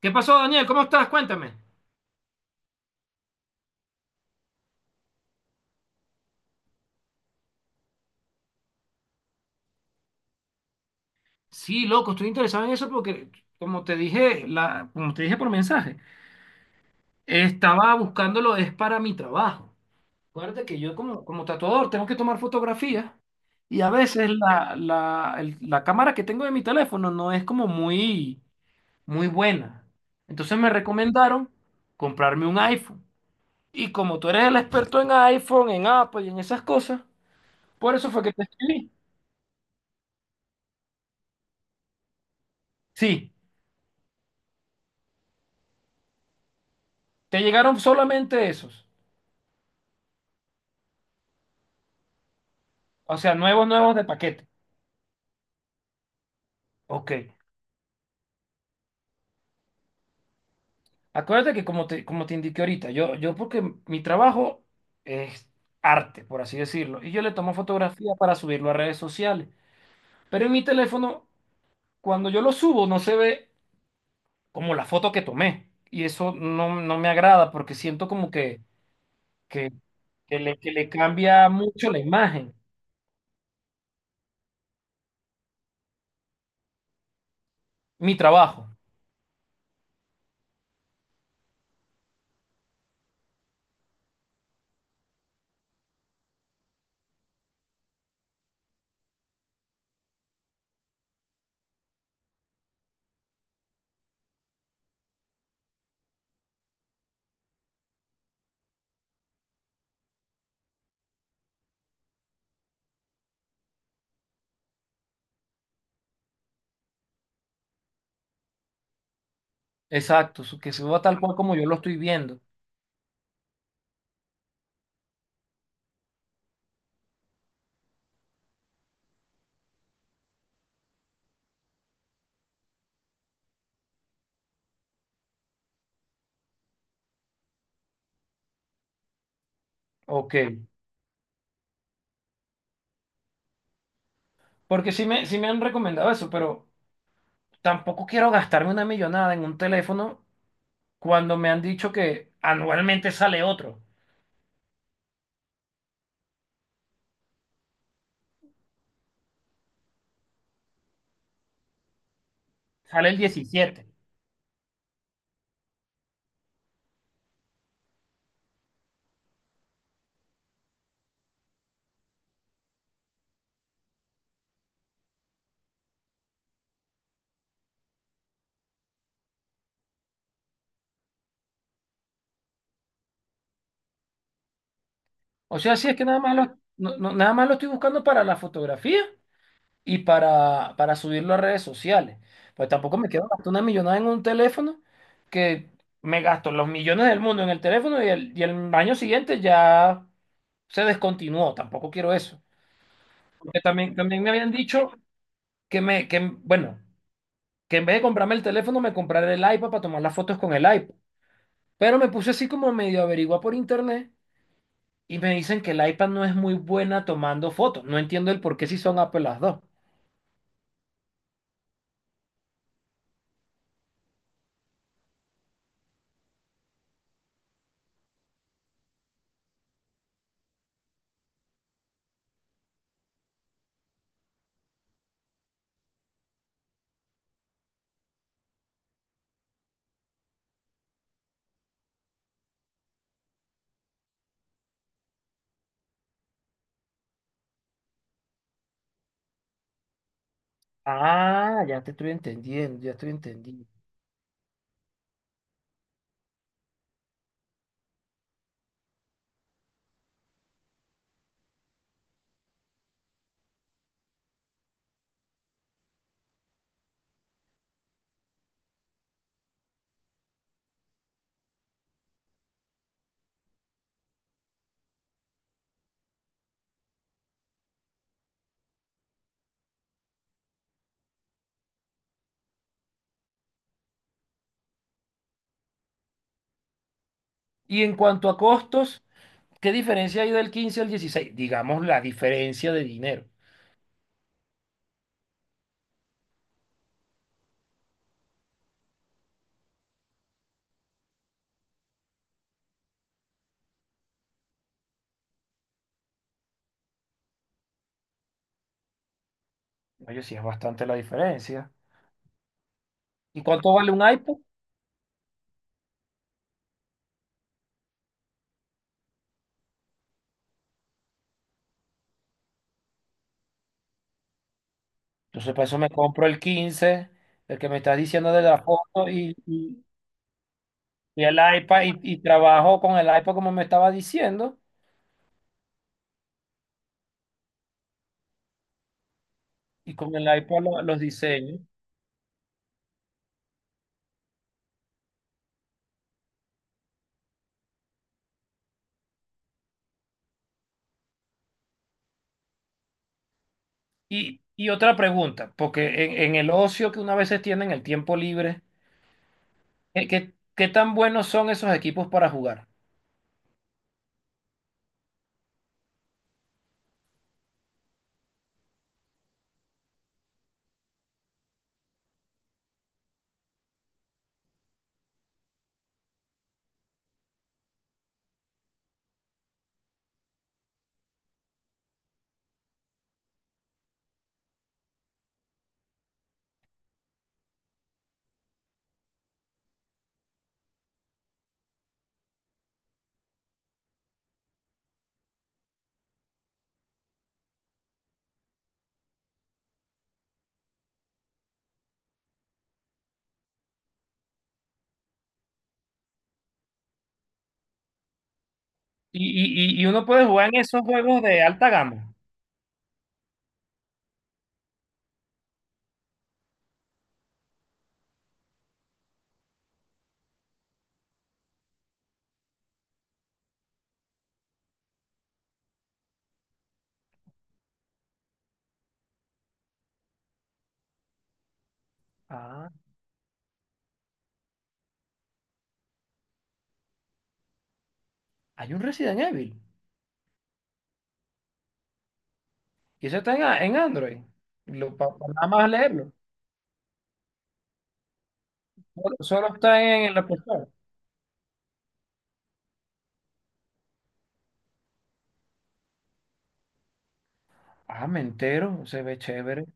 ¿Qué pasó, Daniel? ¿Cómo estás? Cuéntame. Sí, loco, estoy interesado en eso porque, como te dije, como te dije por mensaje, estaba buscándolo, es para mi trabajo. Acuérdate que yo como tatuador tengo que tomar fotografías y a veces la cámara que tengo de mi teléfono no es como muy buena. Entonces me recomendaron comprarme un iPhone. Y como tú eres el experto en iPhone, en Apple y en esas cosas, por eso fue que te escribí. Sí, te llegaron solamente esos. O sea, nuevos, nuevos de paquete. Ok. Acuérdate que como te indiqué ahorita, yo porque mi trabajo es arte, por así decirlo, y yo le tomo fotografía para subirlo a redes sociales. Pero en mi teléfono, cuando yo lo subo, no se ve como la foto que tomé. Y eso no me agrada porque siento como que, que le cambia mucho la imagen. Mi trabajo. Exacto, que suba tal cual como yo lo estoy viendo. Ok. Porque sí me han recomendado eso, pero tampoco quiero gastarme una millonada en un teléfono cuando me han dicho que anualmente sale otro, sale el 17. O sea, sí es que nada más lo estoy buscando para la fotografía y para subirlo a redes sociales. Pues tampoco me quiero gastar una millonada en un teléfono que me gasto los millones del mundo en el teléfono y el año siguiente ya se descontinuó. Tampoco quiero eso. Porque también, también me habían dicho que me, que, bueno. que en vez de comprarme el teléfono, me compraré el iPad para tomar las fotos con el iPad. Pero me puse así como medio averiguar por internet y me dicen que el iPad no es muy buena tomando fotos. No entiendo el por qué si son Apple las dos. Ah, ya te estoy entendiendo, ya estoy entendiendo. Y en cuanto a costos, ¿qué diferencia hay del 15 al 16? Digamos la diferencia de dinero. Oye, sí es bastante la diferencia. ¿Y cuánto vale un iPad? Entonces para eso me compro el 15, el que me estás diciendo de la foto y... Y el iPad, y trabajo con el iPad como me estaba diciendo, y con el iPad los diseños. Y otra pregunta, porque en el ocio que una vez se tiene, en el tiempo libre, ¿ qué tan buenos son esos equipos para jugar? Y uno puede jugar en esos juegos de alta gama. Ah, hay un Resident Evil, y eso está en, en Android. Nada más leerlo. Solo, solo está en el Apple Store. Ah, me entero, se ve chévere.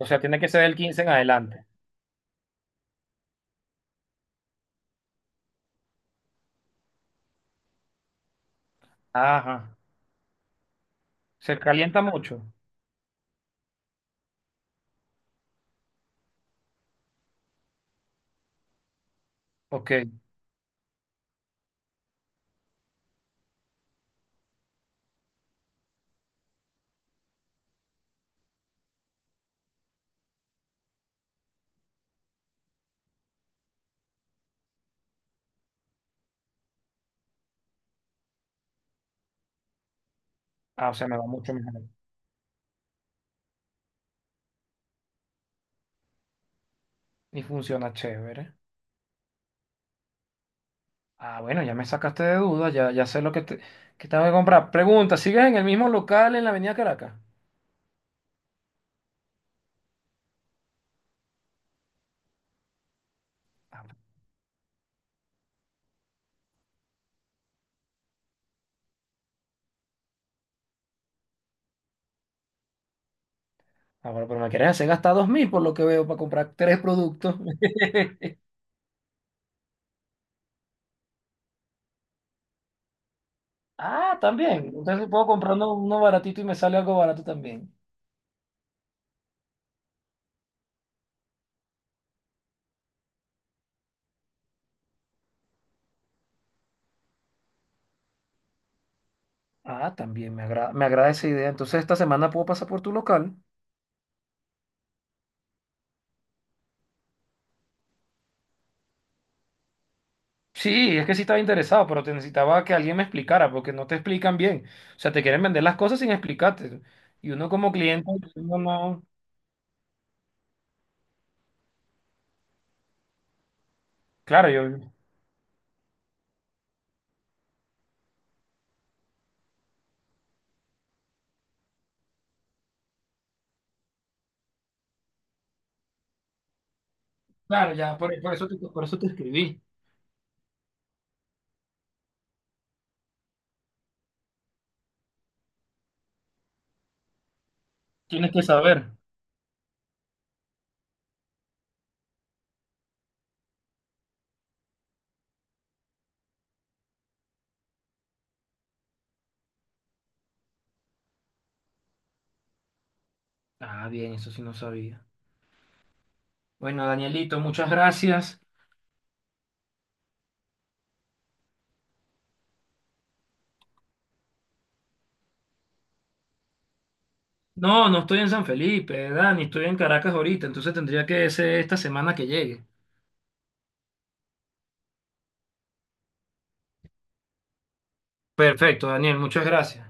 O sea, tiene que ser del 15 en adelante. Ajá. Se calienta mucho. Ok. Ah, o sea, me va mucho mejor. Y funciona chévere. Ah, bueno, ya me sacaste de dudas, ya, ya sé que tengo que comprar. Pregunta, ¿sigues en el mismo local en la Avenida Caracas? Ah, ah, bueno, pero me quieres hacer gastar 2000 por lo que veo para comprar tres productos. Ah, también. Entonces puedo comprar uno, uno baratito y me sale algo barato también. Ah, también me agrada esa idea. Entonces esta semana puedo pasar por tu local. Sí, es que sí estaba interesado, pero te necesitaba que alguien me explicara, porque no te explican bien. O sea, te quieren vender las cosas sin explicarte. Y uno como cliente, uno no. Claro, yo. Claro, ya, por eso por eso te escribí. Tienes que saber. Ah, bien, eso sí no sabía. Bueno, Danielito, muchas gracias. No, no estoy en San Felipe, Dani, estoy en Caracas ahorita, entonces tendría que ser esta semana que llegue. Perfecto, Daniel, muchas gracias.